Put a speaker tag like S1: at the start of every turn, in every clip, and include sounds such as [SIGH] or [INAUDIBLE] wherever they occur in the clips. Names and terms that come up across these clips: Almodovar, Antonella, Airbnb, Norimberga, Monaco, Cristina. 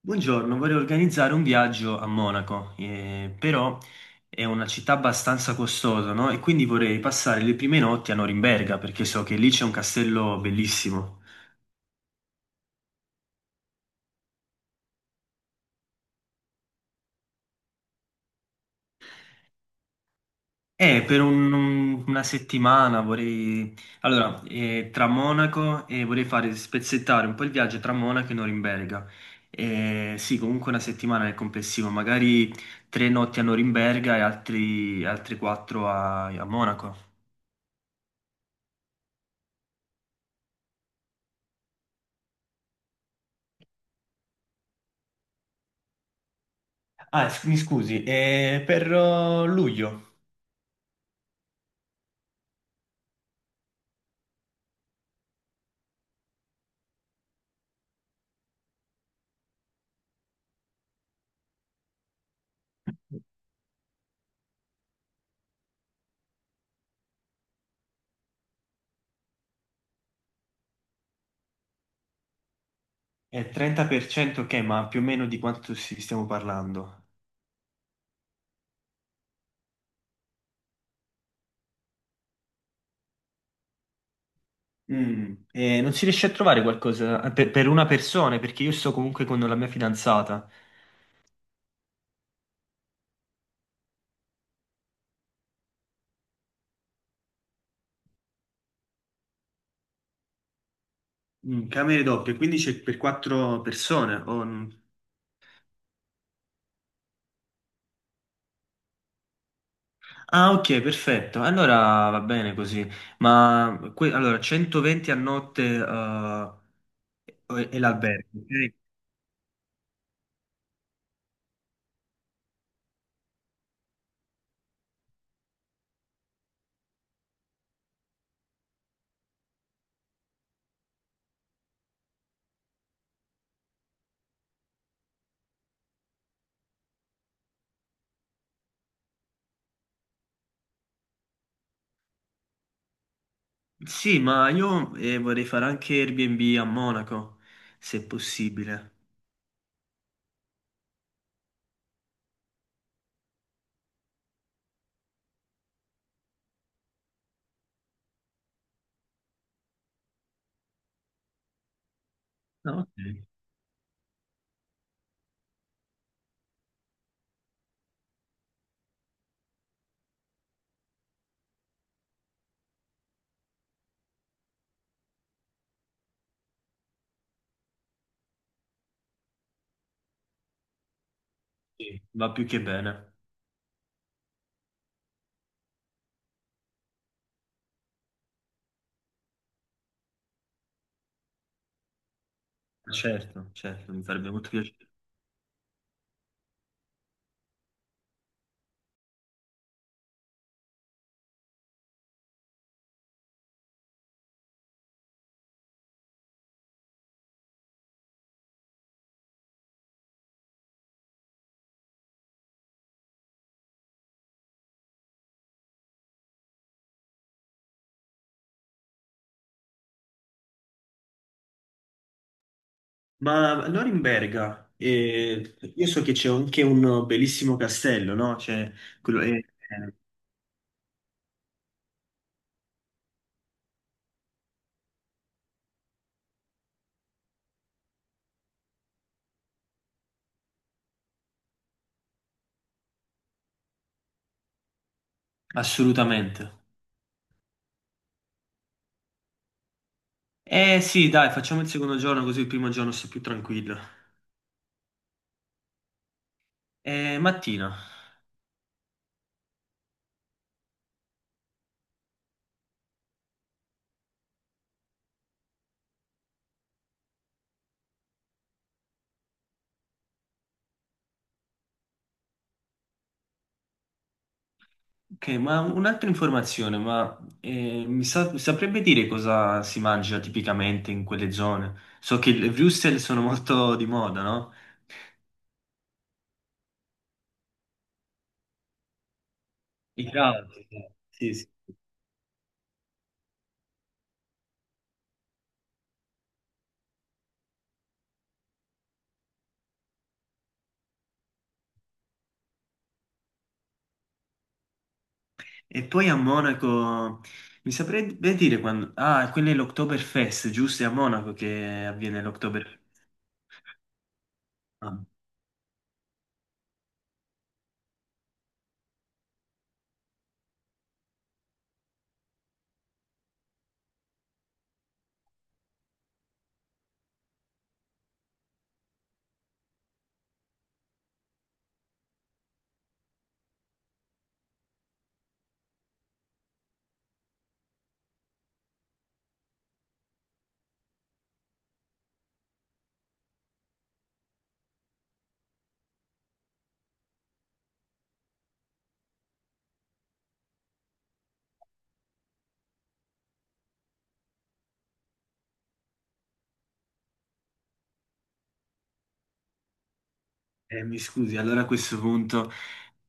S1: Buongiorno, vorrei organizzare un viaggio a Monaco, però è una città abbastanza costosa, no? E quindi vorrei passare le prime notti a Norimberga, perché so che lì c'è un castello bellissimo. E per una settimana vorrei... Allora, tra Monaco e vorrei fare spezzettare un po' il viaggio tra Monaco e Norimberga. Sì, comunque una settimana nel complessivo, magari tre notti a Norimberga e altre quattro a Monaco. Ah, mi scusi, è per luglio. È 30%, ok, ma più o meno di quanto si stiamo parlando? Non si riesce a trovare qualcosa per una persona, perché io sto comunque con la mia fidanzata. Mm, camere doppie, quindi c'è per quattro persone. Ah, ok, perfetto. Allora va bene così. Ma allora 120 a notte è l'albergo, ok? Sì, ma io vorrei fare anche Airbnb a Monaco, se possibile. Ah, ok. Sì, va più che bene. Certo, certo, mi farebbe molto piacere. Ma Norimberga, io so che c'è anche un bellissimo castello, no? C'è quello, assolutamente. Eh sì, dai, facciamo il secondo giorno così il primo giorno sto più tranquillo. Mattina. Ok, ma un'altra informazione, ma saprebbe dire cosa si mangia tipicamente in quelle zone? So che le wurstel sono molto di moda, no? I krauti, sì, sì. E poi a Monaco, mi saprebbe dire quando... Ah, quello è l'Oktoberfest, giusto? È a Monaco che avviene l'Oktoberfest. Ah. Mi scusi, allora a questo punto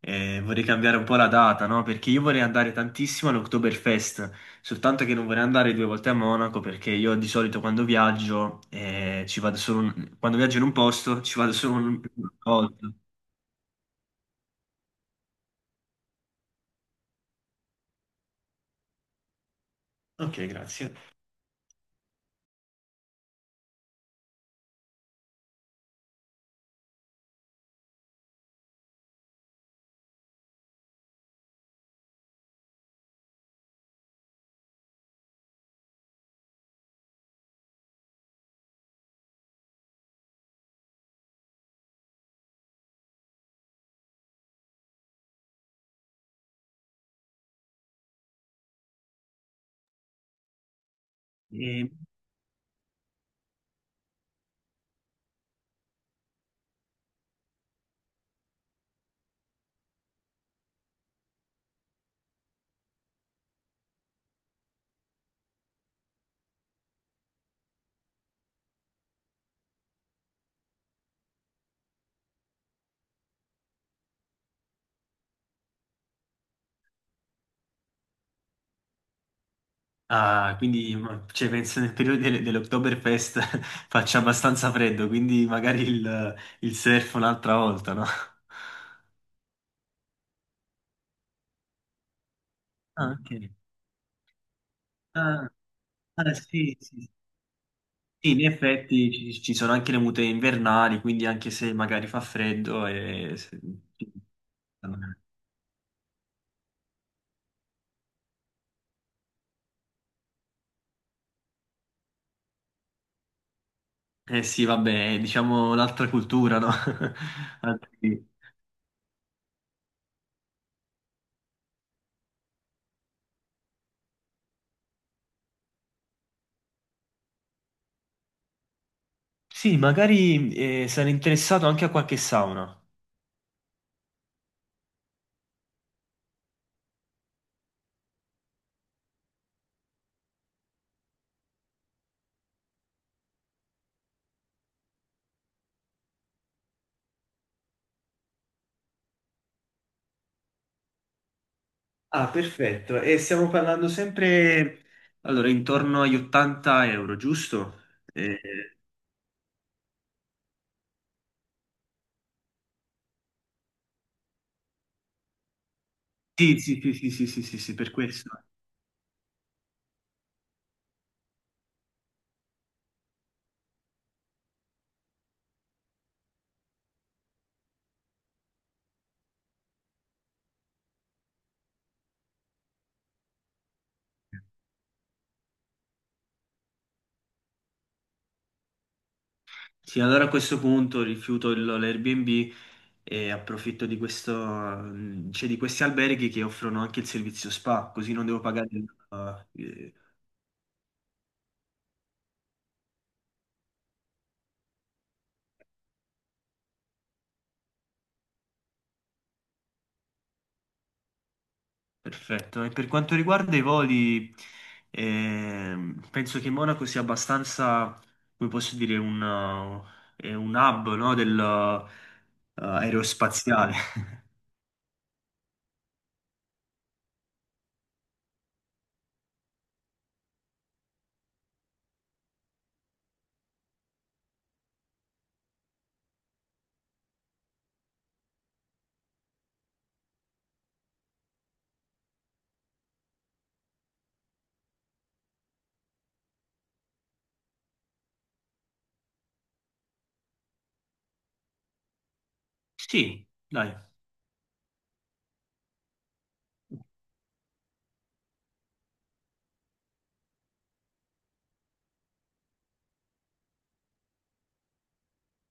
S1: vorrei cambiare un po' la data, no? Perché io vorrei andare tantissimo all'Oktoberfest, soltanto che non vorrei andare due volte a Monaco perché io di solito quando viaggio ci vado solo quando viaggio in un posto ci vado solo una volta. Ok, grazie. E- ah, quindi cioè, penso nel periodo dell'Oktoberfest [LAUGHS] faccia abbastanza freddo, quindi magari il surf un'altra volta, no? Ah, ok. Ah, ah, sì, sì, sì, in effetti ci sono anche le mute invernali, quindi anche se magari fa freddo eh sì, vabbè, diciamo un'altra cultura, no? [LAUGHS] Altri- Sì, magari sarei interessato anche a qualche sauna. Ah, perfetto. E stiamo parlando sempre, allora, intorno agli 80 euro, giusto? Eh, sì, sì, sì, sì, sì, sì, sì, sì, per questo. Sì, allora a questo punto rifiuto l'Airbnb e approfitto di questo, cioè di questi alberghi che offrono anche il servizio spa, così non devo pagare perfetto. E per quanto riguarda i voli, penso che Monaco sia abbastanza, come posso dire, è un hub, no, aerospaziale. [LAUGHS] Sì, dai.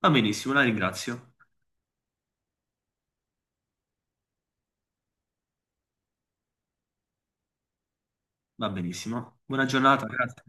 S1: Va benissimo, la ringrazio. Va benissimo. Buona giornata, grazie.